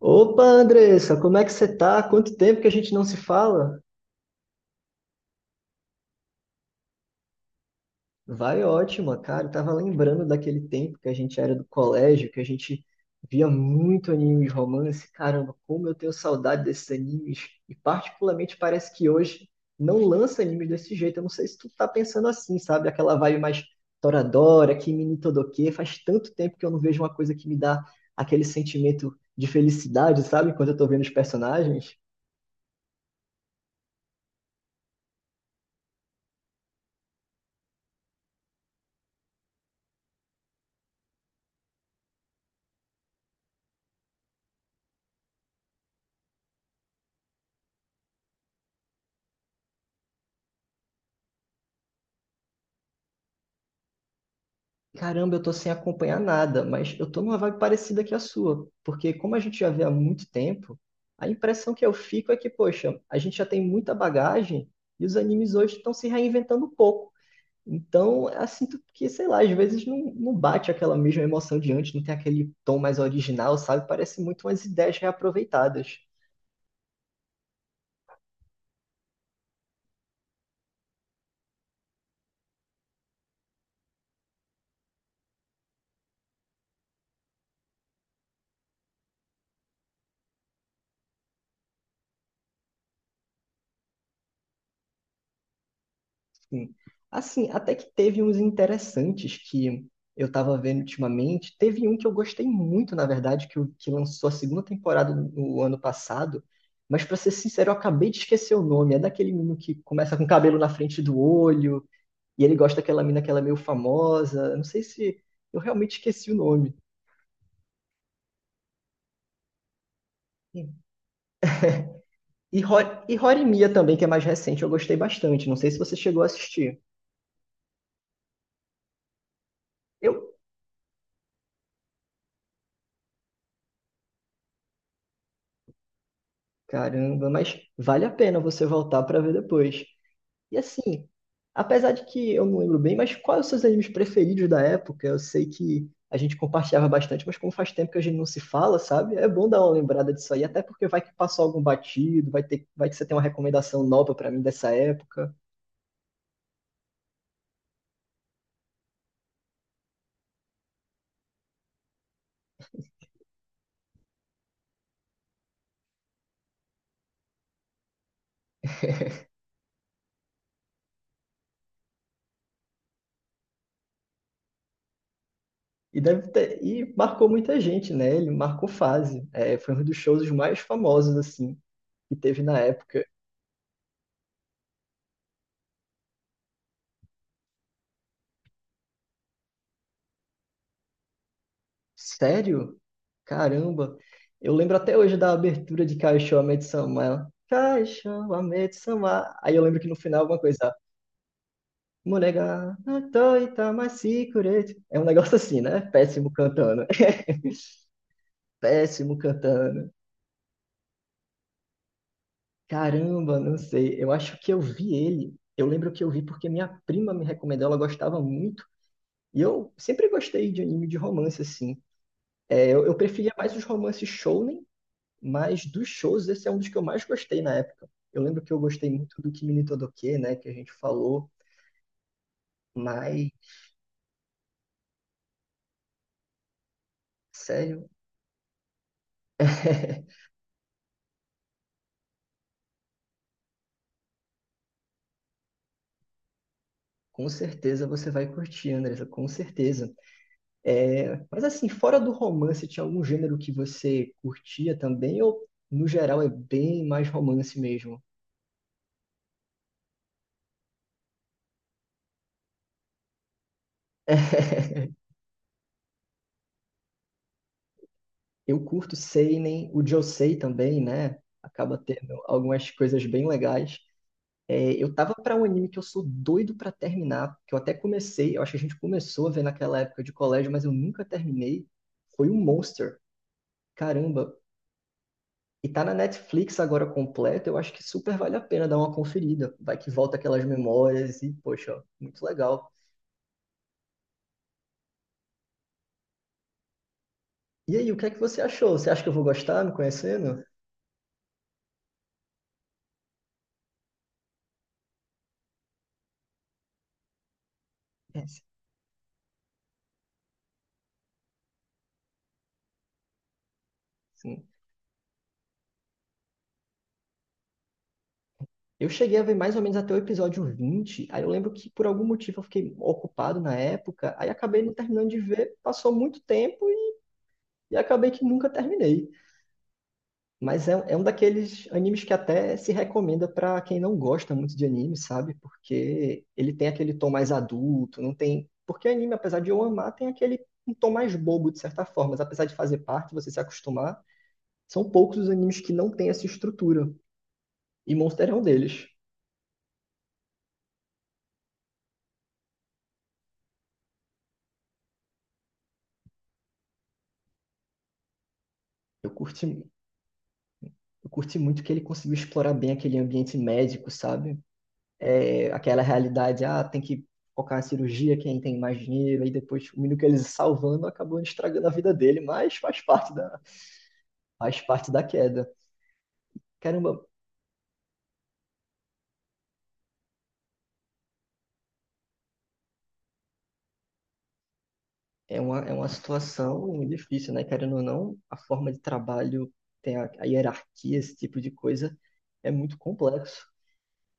Opa, Andressa, como é que você tá? Quanto tempo que a gente não se fala? Vai ótimo, cara. Eu tava lembrando daquele tempo que a gente era do colégio, que a gente via muito anime de romance. Caramba, como eu tenho saudade desses animes. E particularmente parece que hoje não lança animes desse jeito. Eu não sei se tu tá pensando assim, sabe? Aquela vibe mais Toradora, Kimi ni Todoke. Faz tanto tempo que eu não vejo uma coisa que me dá aquele sentimento de felicidade, sabe? Quando eu tô vendo os personagens. Caramba, eu tô sem acompanhar nada, mas eu tô numa vibe parecida que a sua, porque como a gente já vê há muito tempo, a impressão que eu fico é que, poxa, a gente já tem muita bagagem e os animes hoje estão se reinventando um pouco. Então, eu sinto que, sei lá, às vezes não bate aquela mesma emoção de antes, não tem aquele tom mais original, sabe? Parece muito umas ideias reaproveitadas. Sim. Assim, até que teve uns interessantes que eu tava vendo ultimamente. Teve um que eu gostei muito, na verdade, que, que lançou a segunda temporada no ano passado. Mas, pra ser sincero, eu acabei de esquecer o nome. É daquele menino que começa com cabelo na frente do olho, e ele gosta daquela mina que ela é meio famosa. Eu não sei se eu realmente esqueci o nome. E, Ho e Horimiya também, que é mais recente, eu gostei bastante. Não sei se você chegou a assistir. Eu, Caramba, mas vale a pena você voltar pra ver depois. E assim, apesar de que eu não lembro bem, mas quais os seus animes preferidos da época? Eu sei que a gente compartilhava bastante, mas como faz tempo que a gente não se fala, sabe? É bom dar uma lembrada disso aí, até porque vai que passou algum batido, vai ter, vai que você tem uma recomendação nova pra mim dessa época. E marcou muita gente, né? Ele marcou fase. É, foi um dos shows mais famosos assim que teve na época. Sério? Caramba! Eu lembro até hoje da abertura de Kaixo Sama. Ela, Kaixo Sama. Aí eu lembro que no final alguma coisa. Monega, natoi tamasi kuretsu." É um negócio assim, né? Péssimo cantando. Péssimo cantando. Caramba, não sei. Eu acho que eu vi ele. Eu lembro que eu vi porque minha prima me recomendou, ela gostava muito. E eu sempre gostei de anime de romance, assim. É, eu preferia mais os romances shonen. Mas dos shows, esse é um dos que eu mais gostei na época. Eu lembro que eu gostei muito do Kimi ni Todoke, né, que a gente falou, mas, sério, com certeza você vai curtir, Andressa, com certeza. É, mas assim, fora do romance, tinha algum gênero que você curtia também, ou no geral é bem mais romance mesmo? Eu curto seinen, o Josei também, né? Acaba tendo algumas coisas bem legais. É, eu tava pra um anime que eu sou doido pra terminar, que eu até comecei, eu acho que a gente começou a ver naquela época de colégio, mas eu nunca terminei. Foi o Monster. Caramba. E tá na Netflix agora completo, eu acho que super vale a pena dar uma conferida. Vai que volta aquelas memórias e, poxa, ó, muito legal. E aí, o que é que você achou? Você acha que eu vou gostar me conhecendo? É, sim. Eu cheguei a ver mais ou menos até o episódio 20. Aí eu lembro que por algum motivo eu fiquei ocupado na época, aí acabei não terminando de ver, passou muito tempo e acabei que nunca terminei. Mas é um daqueles animes que até se recomenda para quem não gosta muito de anime, sabe? Porque ele tem aquele tom mais adulto, não tem. Porque anime, apesar de eu amar, tem aquele um tom mais bobo, de certa forma. Mas apesar de fazer parte, você se acostumar, são poucos os animes que não têm essa estrutura. E Monster é um deles. Eu curti, eu curti muito que ele conseguiu explorar bem aquele ambiente médico, sabe? É, aquela realidade, ah, tem que focar na cirurgia, quem tem mais dinheiro, e depois o menino que eles salvando acabou estragando a vida dele, mas faz parte da queda. Caramba, é é uma situação difícil, né? Querendo ou não, a forma de trabalho, a hierarquia, esse tipo de coisa, é muito complexo.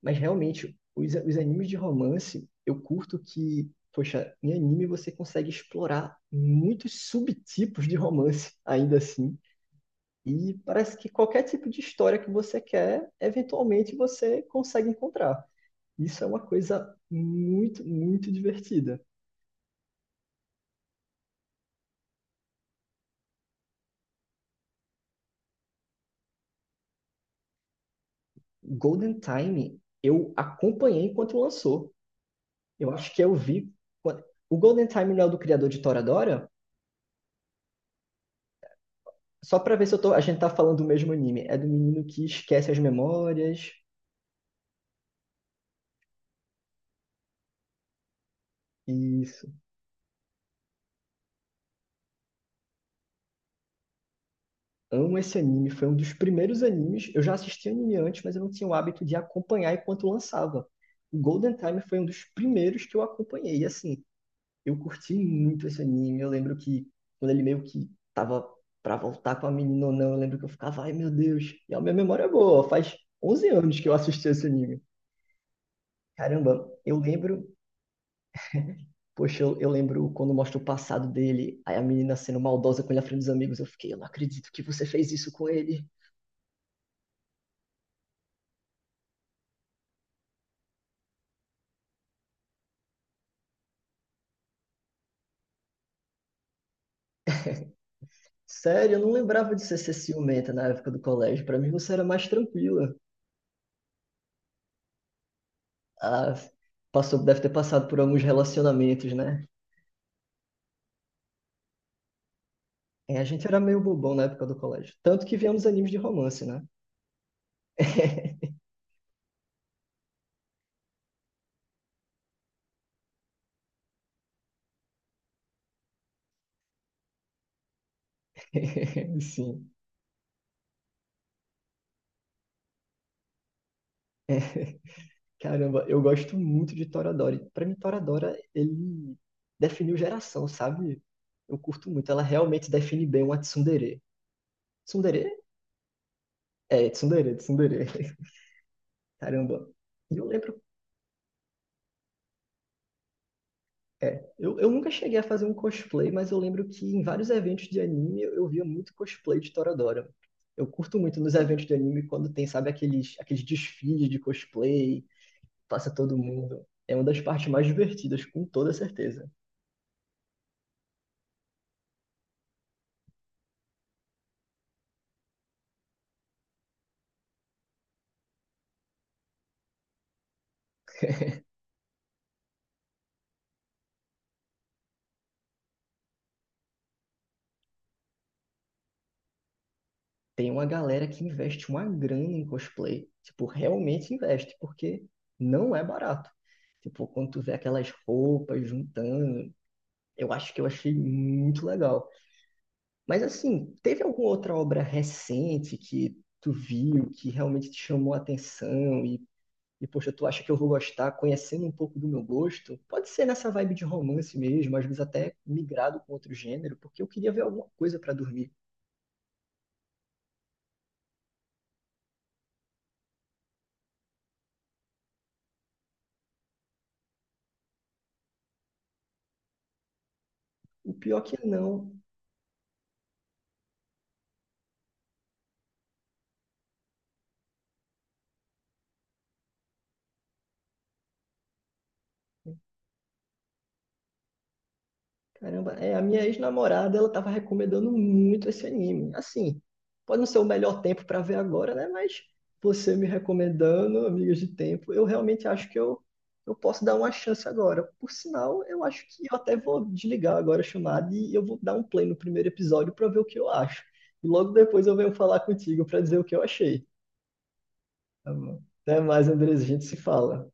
Mas realmente, os animes de romance, eu curto que, poxa, em anime você consegue explorar muitos subtipos de romance, ainda assim. E parece que qualquer tipo de história que você quer, eventualmente você consegue encontrar. Isso é uma coisa muito divertida. Golden Time, eu acompanhei enquanto lançou. Eu acho que eu vi. quando- O Golden Time não é o do criador de Toradora? Só para ver se eu tô... a gente tá falando do mesmo anime. É do menino que esquece as memórias. Isso. Amo esse anime, foi um dos primeiros animes. Eu já assisti anime antes, mas eu não tinha o hábito de acompanhar enquanto lançava. O Golden Time foi um dos primeiros que eu acompanhei. E assim, eu curti muito esse anime. Eu lembro que quando ele meio que tava pra voltar com a menina ou não, eu lembro que eu ficava, ai meu Deus. E a minha memória é boa, faz 11 anos que eu assisti esse anime. Caramba, eu lembro, poxa, eu lembro quando mostra o passado dele, aí a menina sendo maldosa com ele à frente dos amigos. Eu fiquei, eu não acredito que você fez isso com ele. Sério, eu não lembrava de você ser ciumenta na época do colégio. Pra mim você era mais tranquila. Ah, passou, deve ter passado por alguns relacionamentos, né? É, a gente era meio bobão na época do colégio. Tanto que viemos animes de romance, né? Sim. Caramba, eu gosto muito de Toradora. E pra mim, Toradora, ele definiu geração, sabe? Eu curto muito. Ela realmente define bem uma tsundere. Tsundere? É, tsundere. Caramba. E eu lembro. É, eu nunca cheguei a fazer um cosplay, mas eu lembro que em vários eventos de anime eu via muito cosplay de Toradora. Eu curto muito nos eventos de anime quando tem, sabe, aqueles desfiles de cosplay, passa todo mundo. É uma das partes mais divertidas, com toda certeza. Tem uma galera que investe uma grana em cosplay. Tipo, realmente investe, porque não é barato. Tipo, quando tu vê aquelas roupas juntando, eu acho que eu achei muito legal. Mas assim, teve alguma outra obra recente que tu viu, que realmente te chamou a atenção e poxa, tu acha que eu vou gostar, conhecendo um pouco do meu gosto? Pode ser nessa vibe de romance mesmo, às vezes até migrado com outro gênero, porque eu queria ver alguma coisa para dormir. O pior é que não. Caramba, é, a minha ex-namorada, ela tava recomendando muito esse anime. Assim, pode não ser o melhor tempo para ver agora, né? Mas você me recomendando, amigos de tempo, eu realmente acho que eu posso dar uma chance agora. Por sinal, eu acho que eu até vou desligar agora a chamada e eu vou dar um play no primeiro episódio para ver o que eu acho. E logo depois eu venho falar contigo para dizer o que eu achei. Tá bom? Até mais, Andres, a gente se fala.